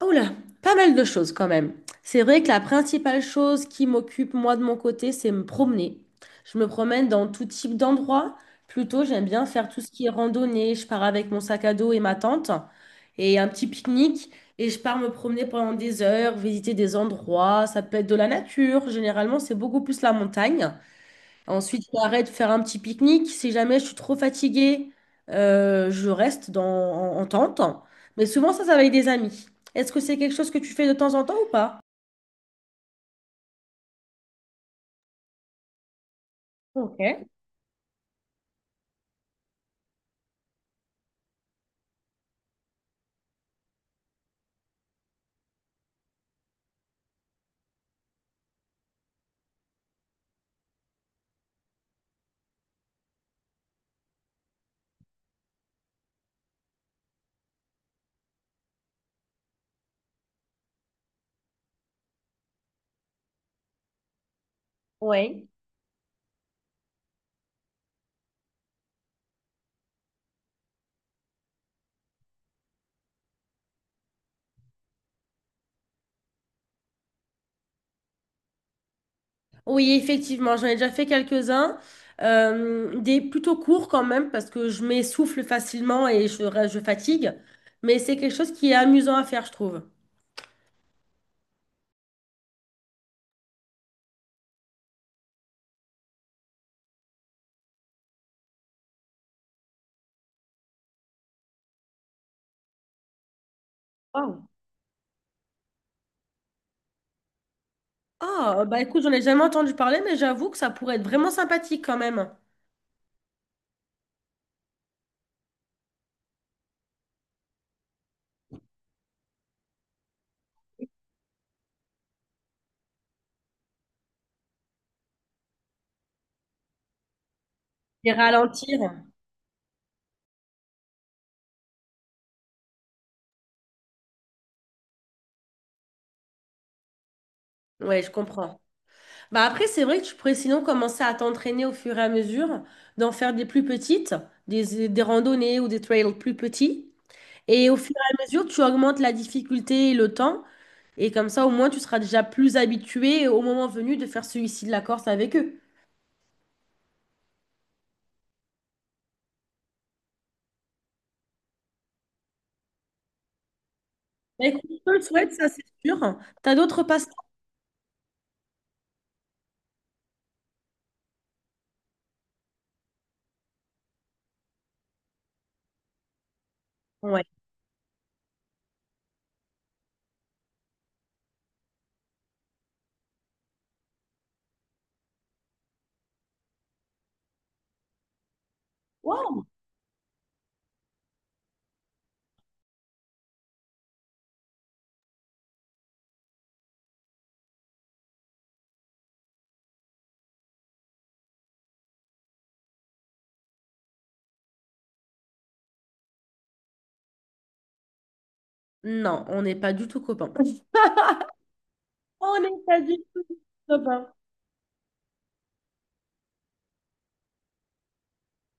Oh là, pas mal de choses quand même. C'est vrai que la principale chose qui m'occupe moi de mon côté, c'est me promener. Je me promène dans tout type d'endroits. Plutôt, j'aime bien faire tout ce qui est randonnée. Je pars avec mon sac à dos et ma tente et un petit pique-nique et je pars me promener pendant des heures, visiter des endroits. Ça peut être de la nature. Généralement, c'est beaucoup plus la montagne. Ensuite, j'arrête de faire un petit pique-nique. Si jamais je suis trop fatiguée, je reste en tente. Mais souvent, ça va avec des amis. Est-ce que c'est quelque chose que tu fais de temps en temps ou pas? Ok. Oui. Oui, effectivement, j'en ai déjà fait quelques-uns. Des plutôt courts quand même, parce que je m'essouffle facilement et je fatigue. Mais c'est quelque chose qui est amusant à faire, je trouve. Wow. Ah, bah écoute, j'en ai jamais entendu parler, mais j'avoue que ça pourrait être vraiment sympathique quand même. Et ralentir. Ouais, je comprends. Bah après, c'est vrai que tu pourrais sinon commencer à t'entraîner au fur et à mesure, d'en faire des plus petites, des randonnées ou des trails plus petits. Et au fur et à mesure, tu augmentes la difficulté et le temps. Et comme ça, au moins, tu seras déjà plus habitué au moment venu de faire celui-ci de la Corse avec eux. Bah, écoute, je te le souhaite, ça c'est sûr. T'as d'autres passe-temps? Ouais. Non, on n'est pas du tout copains. On n'est pas du tout copains.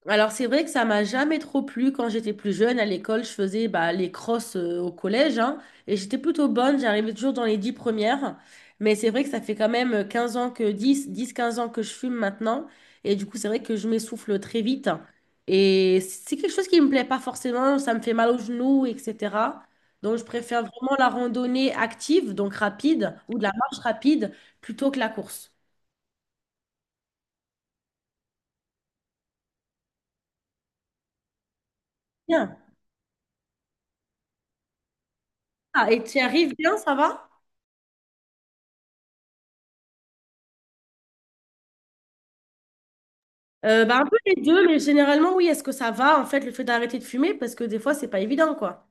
Alors, c'est vrai que ça m'a jamais trop plu quand j'étais plus jeune. À l'école, je faisais bah, les crosses au collège hein, et j'étais plutôt bonne. J'arrivais toujours dans les 10 premières. Mais c'est vrai que ça fait quand même 15 ans que je fume maintenant. Et du coup, c'est vrai que je m'essouffle très vite. Et c'est quelque chose qui me plaît pas forcément. Ça me fait mal aux genoux, etc. Donc, je préfère vraiment la randonnée active, donc rapide, ou de la marche rapide, plutôt que la course. Bien. Ah, et tu y arrives bien, ça va? Bah, un peu les deux, mais généralement, oui, est-ce que ça va, en fait, le fait d'arrêter de fumer? Parce que des fois, c'est pas évident, quoi.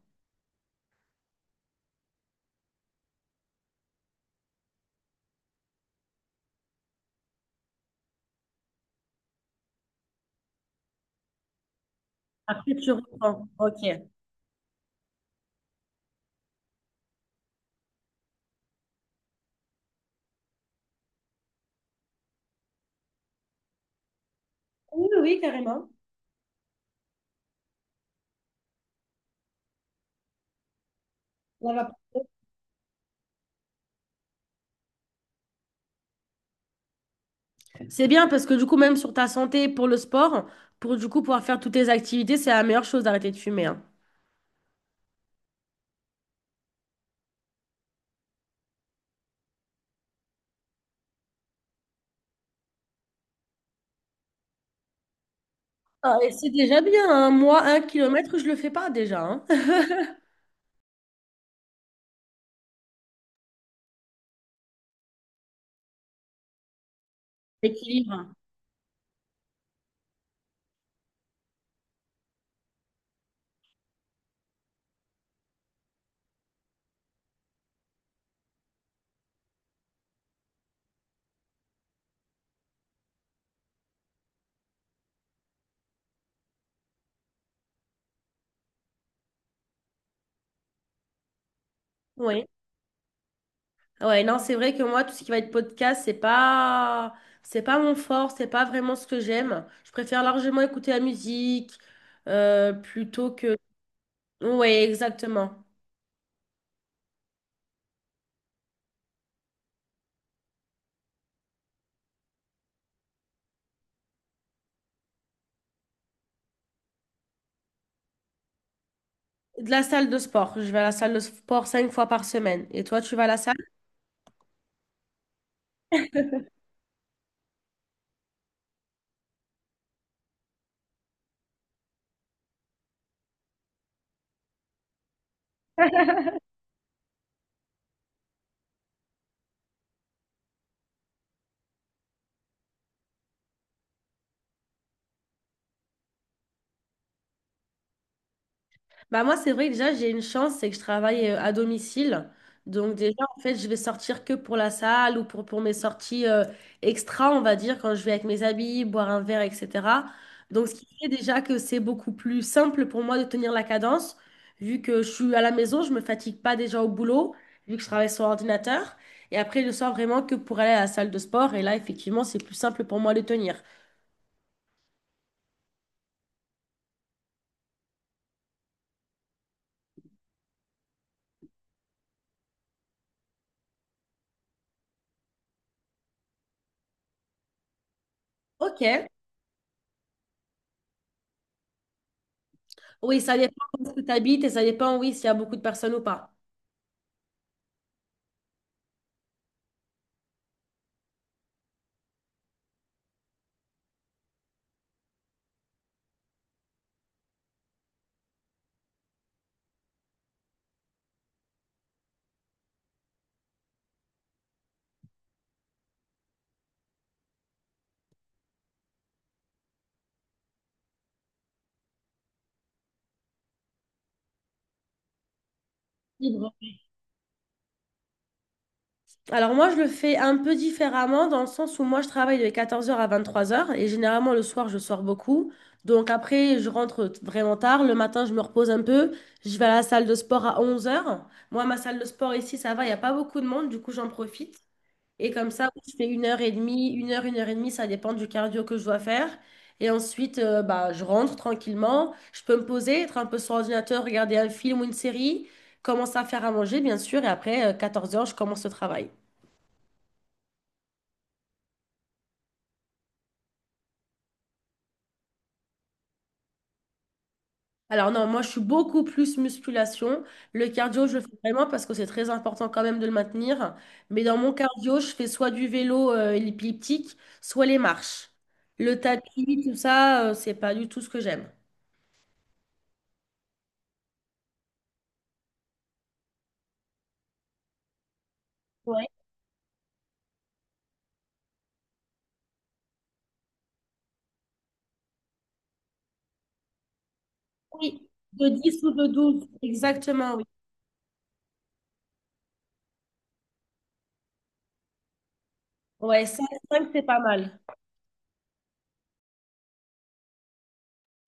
Après, tu reprends. Ok. Oui, oui, oui, carrément. On va- C'est bien parce que du coup, même sur ta santé, pour le sport, pour du coup pouvoir faire toutes tes activités, c'est la meilleure chose d'arrêter de fumer, hein. Ah, et c'est déjà bien, hein. Moi, 1 kilomètre, je le fais pas déjà, hein. Équilibre. Oui. Ouais, non, c'est vrai que moi, tout ce qui va être podcast, c'est pas mon fort, c'est pas vraiment ce que j'aime. Je préfère largement écouter la musique plutôt que. Ouais, exactement. De la salle de sport. Je vais à la salle de sport cinq fois par semaine. Et toi, tu vas à la salle? Bah moi, c'est vrai que déjà, j'ai une chance, c'est que je travaille à domicile. Donc déjà, en fait, je vais sortir que pour la salle ou pour mes sorties extra, on va dire, quand je vais avec mes amis, boire un verre, etc. Donc ce qui fait déjà que c'est beaucoup plus simple pour moi de tenir la cadence, vu que je suis à la maison, je me fatigue pas déjà au boulot, vu que je travaille sur ordinateur. Et après, je sors vraiment que pour aller à la salle de sport. Et là, effectivement, c'est plus simple pour moi de tenir. Ok. Oui, ça dépend où tu habites et ça dépend, oui, s'il y a beaucoup de personnes ou pas. Alors moi, je le fais un peu différemment dans le sens où moi, je travaille de 14 heures à 23 heures et généralement le soir, je sors beaucoup. Donc après, je rentre t- vraiment tard. Le matin, je me repose un peu. Je vais à la salle de sport à 11 heures. Moi, ma salle de sport ici, ça va, il n'y a pas beaucoup de monde, du coup, j'en profite. Et comme ça, je fais une heure et demie, une heure et demie, ça dépend du cardio que je dois faire. Et ensuite, bah, je rentre tranquillement. Je peux me poser, être un peu sur l'ordinateur, regarder un film ou une série, commencer à faire à manger, bien sûr. Et après, 14 heures je commence le travail. Alors non, moi je suis beaucoup plus musculation. Le cardio, je le fais vraiment parce que c'est très important quand même de le maintenir. Mais dans mon cardio, je fais soit du vélo elliptique, soit les marches. Le tapis, tout ça, c'est pas du tout ce que j'aime. Ouais. Oui, de 10 ou de 12 exactement, oui. Ouais, 5, 5, c'est pas mal.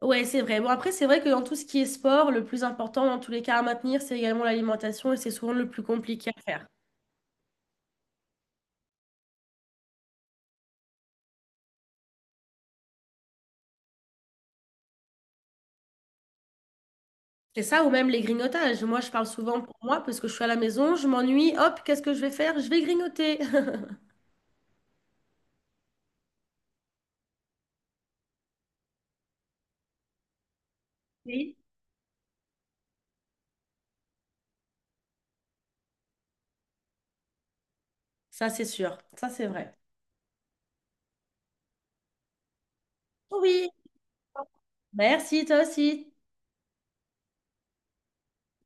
Ouais, c'est vrai. Bon, après, c'est vrai que dans tout ce qui est sport, le plus important dans tous les cas à maintenir, c'est également l'alimentation et c'est souvent le plus compliqué à faire. C'est ça, ou même les grignotages. Moi, je parle souvent pour moi parce que je suis à la maison, je m'ennuie, hop, qu'est-ce que je vais faire? Je vais grignoter. Oui. Ça, c'est sûr. Ça, c'est vrai. Oui. Merci, toi aussi.